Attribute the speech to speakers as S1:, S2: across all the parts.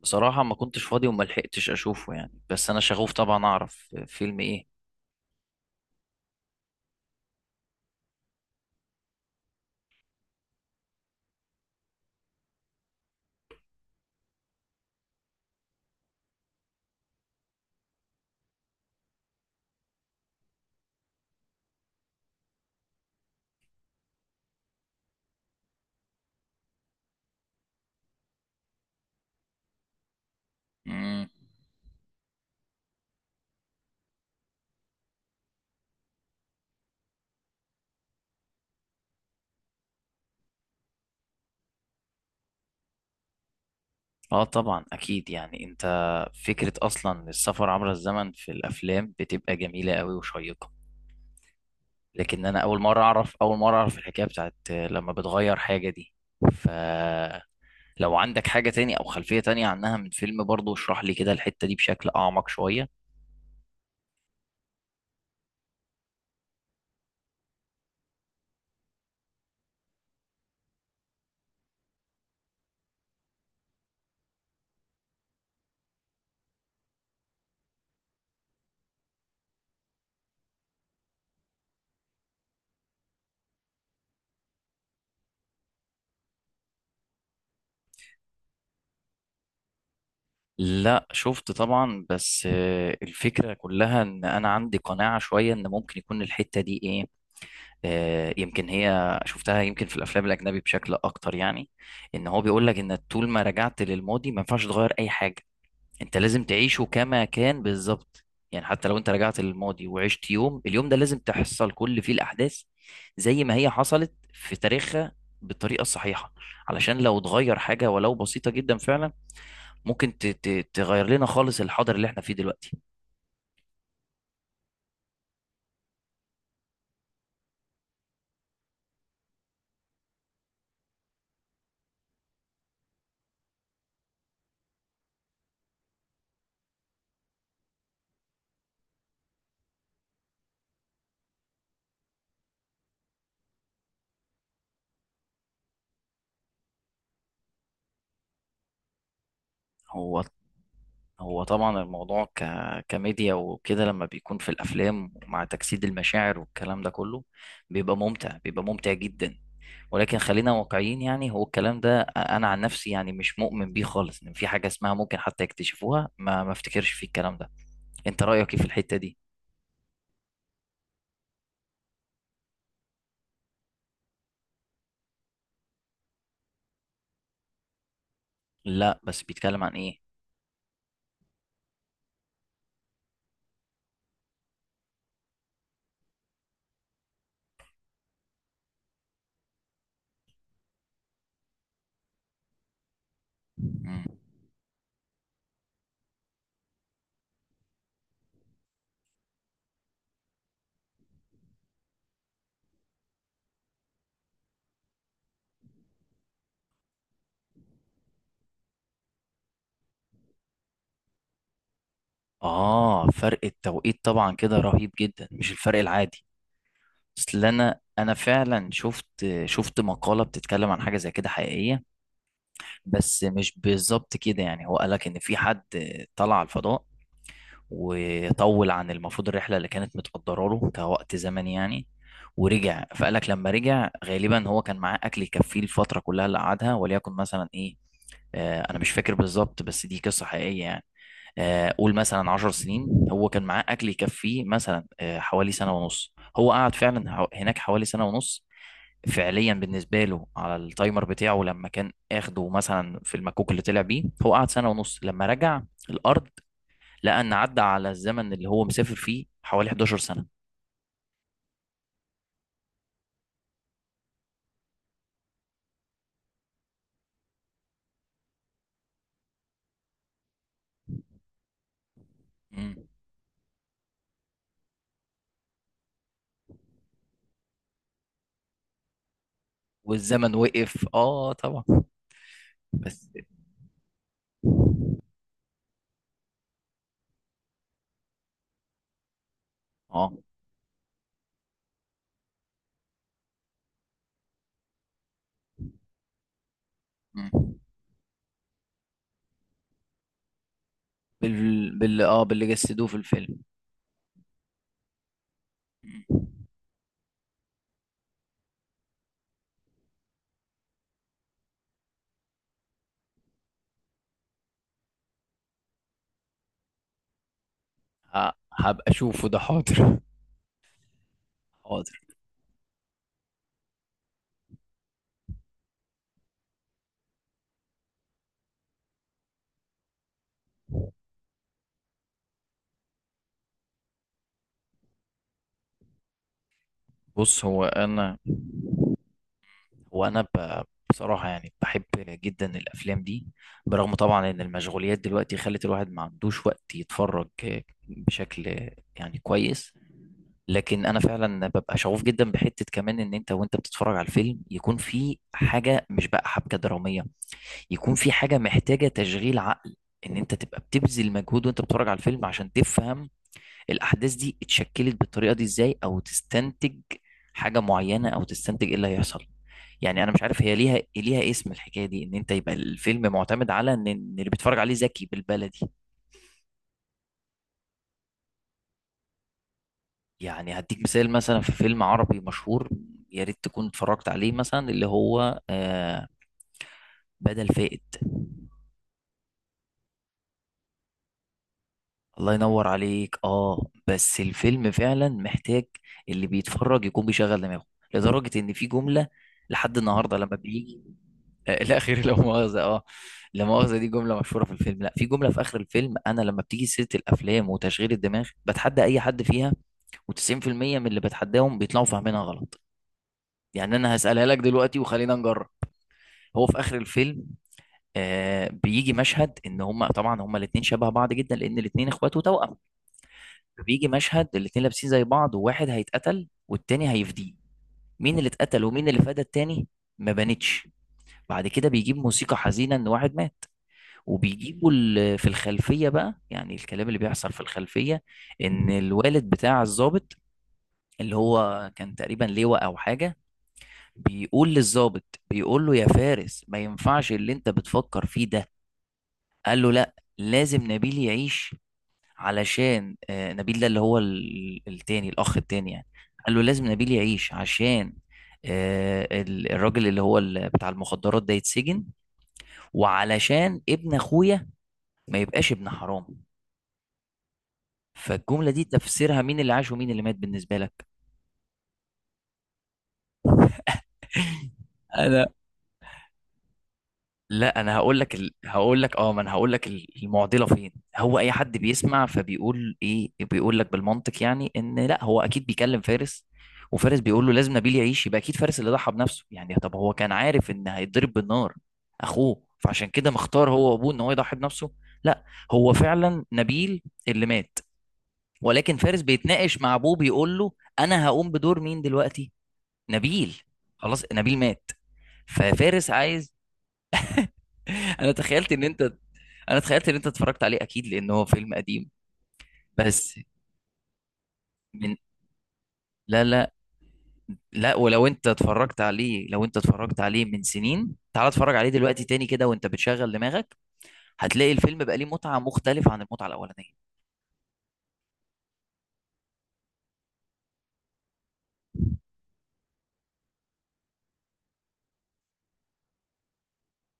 S1: بصراحة ما كنتش فاضي وما لحقتش اشوفه، يعني. بس انا شغوف طبعا اعرف فيلم ايه. مم. اه طبعا اكيد. يعني انت، فكرة اصلا السفر عبر الزمن في الافلام بتبقى جميلة قوي وشيقة. لكن انا اول مرة اعرف الحكاية بتاعت لما بتغير حاجة دي. فلو عندك حاجة تاني او خلفية تانية عنها من فيلم برضو اشرح لي كده الحتة دي بشكل اعمق شوية. لا شفت طبعا، بس الفكرة كلها ان انا عندي قناعة شوية ان ممكن يكون الحتة دي ايه. يمكن هي شفتها، يمكن في الافلام الاجنبي بشكل اكتر. يعني ان هو بيقول لك ان طول ما رجعت للماضي ما ينفعش تغير اي حاجه. انت لازم تعيشه كما كان بالظبط. يعني حتى لو انت رجعت للماضي وعشت يوم، اليوم ده لازم تحصل كل فيه الاحداث زي ما هي حصلت في تاريخها بالطريقه الصحيحه. علشان لو اتغير حاجه ولو بسيطه جدا فعلا، ممكن تغير لنا خالص الحاضر اللي احنا فيه دلوقتي. هو هو طبعا الموضوع كميديا وكده، لما بيكون في الافلام مع تجسيد المشاعر والكلام ده كله بيبقى ممتع، بيبقى ممتع جدا. ولكن خلينا واقعيين، يعني هو الكلام ده انا عن نفسي يعني مش مؤمن بيه خالص ان في حاجه اسمها ممكن حتى يكتشفوها. ما افتكرش في الكلام ده. انت رايك ايه في الحته دي؟ لا، بس بيتكلم عن ايه؟ مم. اه فرق التوقيت طبعا كده رهيب جدا، مش الفرق العادي. اصل انا فعلا شفت مقاله بتتكلم عن حاجه زي كده حقيقيه، بس مش بالظبط كده. يعني هو قالك ان في حد طلع على الفضاء وطول عن المفروض الرحله اللي كانت متقدره له كوقت زمني، يعني، ورجع. فقالك لما رجع غالبا هو كان معاه اكل يكفيه الفتره كلها اللي قعدها، وليكن مثلا ايه، انا مش فاكر بالظبط، بس دي قصه حقيقيه يعني. قول مثلا 10 سنين، هو كان معاه اكل يكفيه مثلا حوالي سنه ونص. هو قعد فعلا هناك حوالي سنه ونص، فعليا بالنسبه له على التايمر بتاعه لما كان اخده مثلا في المكوك اللي طلع بيه. هو قعد سنه ونص، لما رجع الارض لقى ان عدى على الزمن اللي هو مسافر فيه حوالي 11 سنه. مم. والزمن وقف، اه طبعا. بس اه، مم. باللي جسدوه في الفيلم. مم. هبقى اشوفه ده، حاضر. حاضر. بص، هو انا وانا ب... بصراحة يعني بحب جدا الافلام دي، برغم طبعا ان المشغوليات دلوقتي خلت الواحد ما عندوش وقت يتفرج بشكل يعني كويس. لكن انا فعلا ببقى شغوف جدا بحتة كمان، ان انت وانت بتتفرج على الفيلم يكون في حاجة مش بقى حبكة درامية، يكون في حاجة محتاجة تشغيل عقل. ان انت تبقى بتبذل مجهود وانت بتتفرج على الفيلم عشان تفهم الاحداث دي اتشكلت بالطريقه دي ازاي، او تستنتج حاجه معينه، او تستنتج ايه اللي هيحصل. يعني انا مش عارف هي ليها اسم، الحكايه دي ان انت يبقى الفيلم معتمد على ان إن اللي بيتفرج عليه ذكي، بالبلدي. يعني هديك مثال، مثلا في فيلم عربي مشهور يا ريت تكون اتفرجت عليه، مثلا اللي هو بدل فائد. الله ينور عليك، اه. بس الفيلم فعلا محتاج اللي بيتفرج يكون بيشغل دماغه، لدرجة ان في جملة لحد النهاردة لما بيجي، لا مؤاخذة، اه. لا مؤاخذة دي جملة مشهورة في الفيلم. لا، في جملة في آخر الفيلم أنا لما بتيجي سيرة الأفلام وتشغيل الدماغ بتحدى أي حد فيها، و90% من اللي بتحداهم بيطلعوا فاهمينها غلط. يعني أنا هسألها لك دلوقتي وخلينا نجرب. هو في آخر الفيلم بيجي مشهد، إن هما طبعا هما الاتنين شبه بعض جدا لأن الاتنين إخوات وتوأم. فبيجي مشهد الاتنين لابسين زي بعض، وواحد هيتقتل والتاني هيفديه. مين اللي اتقتل ومين اللي فدى التاني؟ ما بانتش. بعد كده بيجيب موسيقى حزينة ان واحد مات، وبيجيبوا في الخلفية بقى، يعني الكلام اللي بيحصل في الخلفية ان الوالد بتاع الضابط، اللي هو كان تقريبا لواء او حاجة، بيقول للضابط، بيقول له يا فارس ما ينفعش اللي انت بتفكر فيه ده. قال له لا، لازم نبيل يعيش علشان، نبيل ده اللي هو التاني، الأخ التاني يعني. قال له لازم نبيل يعيش عشان الراجل اللي هو بتاع المخدرات ده يتسجن، وعلشان ابن أخويا ما يبقاش ابن حرام. فالجملة دي تفسيرها مين اللي عاش ومين اللي مات بالنسبة لك؟ لا، انا هقول لك ال... هقول لك اه ما انا هقول لك المعضله فين. هو اي حد بيسمع فبيقول ايه، بيقول لك بالمنطق يعني ان لا هو اكيد بيكلم فارس، وفارس بيقول له لازم نبيل يعيش، يبقى اكيد فارس اللي ضحى بنفسه. يعني طب هو كان عارف ان هيتضرب بالنار اخوه، فعشان كده مختار هو وابوه ان هو يضحي بنفسه. لا، هو فعلا نبيل اللي مات، ولكن فارس بيتناقش مع ابوه بيقول له انا هقوم بدور مين دلوقتي؟ نبيل. خلاص نبيل مات، ففارس عايز. انا تخيلت ان انت انا تخيلت ان انت اتفرجت عليه اكيد، لان هو فيلم قديم. بس من لا لا لا، ولو انت اتفرجت عليه، لو انت اتفرجت عليه من سنين، تعال اتفرج عليه دلوقتي تاني كده وانت بتشغل دماغك، هتلاقي الفيلم بقى ليه متعة مختلفة عن المتعة الاولانية.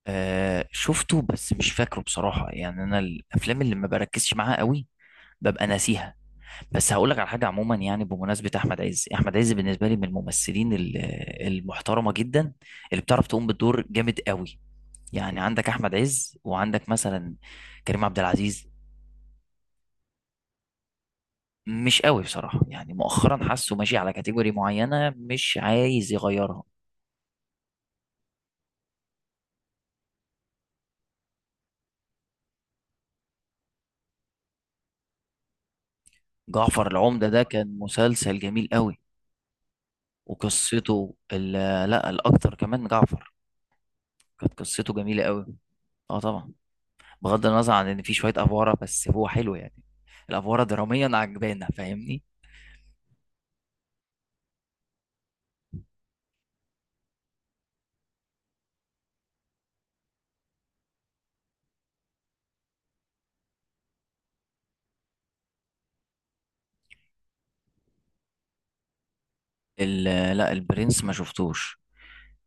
S1: آه شفته، بس مش فاكره بصراحة. يعني انا الافلام اللي ما بركزش معاها قوي ببقى ناسيها. بس هقول لك على حاجة عموما، يعني بمناسبة احمد عز، احمد عز بالنسبة لي من الممثلين المحترمة جدا، اللي بتعرف تقوم بالدور جامد قوي. يعني عندك احمد عز وعندك مثلا كريم عبد العزيز. مش قوي بصراحه، يعني مؤخرا حاسه ماشي على كاتيجوري معينه مش عايز يغيرها. جعفر العمده ده كان مسلسل جميل قوي. وقصته ال- لا الاكتر كمان جعفر كانت قصته جميله قوي. اه طبعا، بغض النظر عن ان في شويه افواره بس هو حلو يعني، الافواره دراميا عجبانه، فاهمني. لا البرنس ما شفتوش.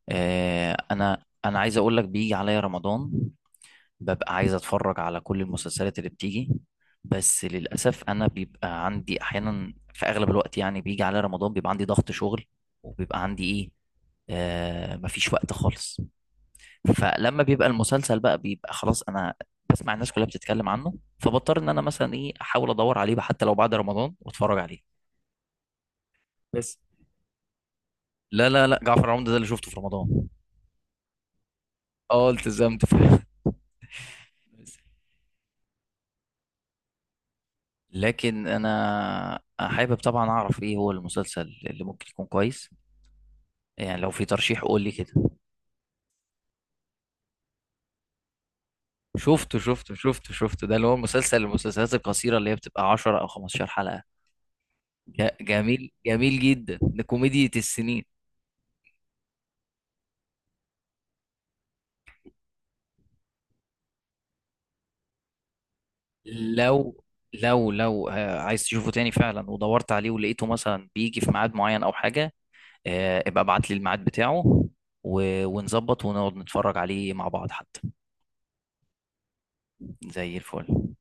S1: انا عايز اقول لك، بيجي عليا رمضان ببقى عايز اتفرج على كل المسلسلات اللي بتيجي، بس للاسف انا بيبقى عندي احيانا في اغلب الوقت، يعني بيجي على رمضان بيبقى عندي ضغط شغل وبيبقى عندي ايه، مفيش وقت خالص. فلما بيبقى المسلسل بقى، بيبقى خلاص انا بسمع الناس كلها بتتكلم عنه، فبضطر ان انا مثلا ايه احاول ادور عليه بقى حتى لو بعد رمضان واتفرج عليه. بس لا لا لا، جعفر العمدة ده اللي شفته في رمضان. اه التزمت فعلا. لكن انا حابب طبعا اعرف ايه هو المسلسل اللي ممكن يكون كويس، يعني لو في ترشيح قول لي كده. شفته ده اللي هو مسلسل، المسلسلات القصيرة اللي هي بتبقى 10 او 15 حلقة. جميل جميل جدا، ده كوميديا السنين. لو لو لو آه، عايز تشوفه تاني فعلا، ودورت عليه ولقيته مثلا بيجي في ميعاد معين او حاجة، ابقى ابعت لي الميعاد بتاعه، ونظبط ونقعد نتفرج عليه مع بعض حتى. زي الفل.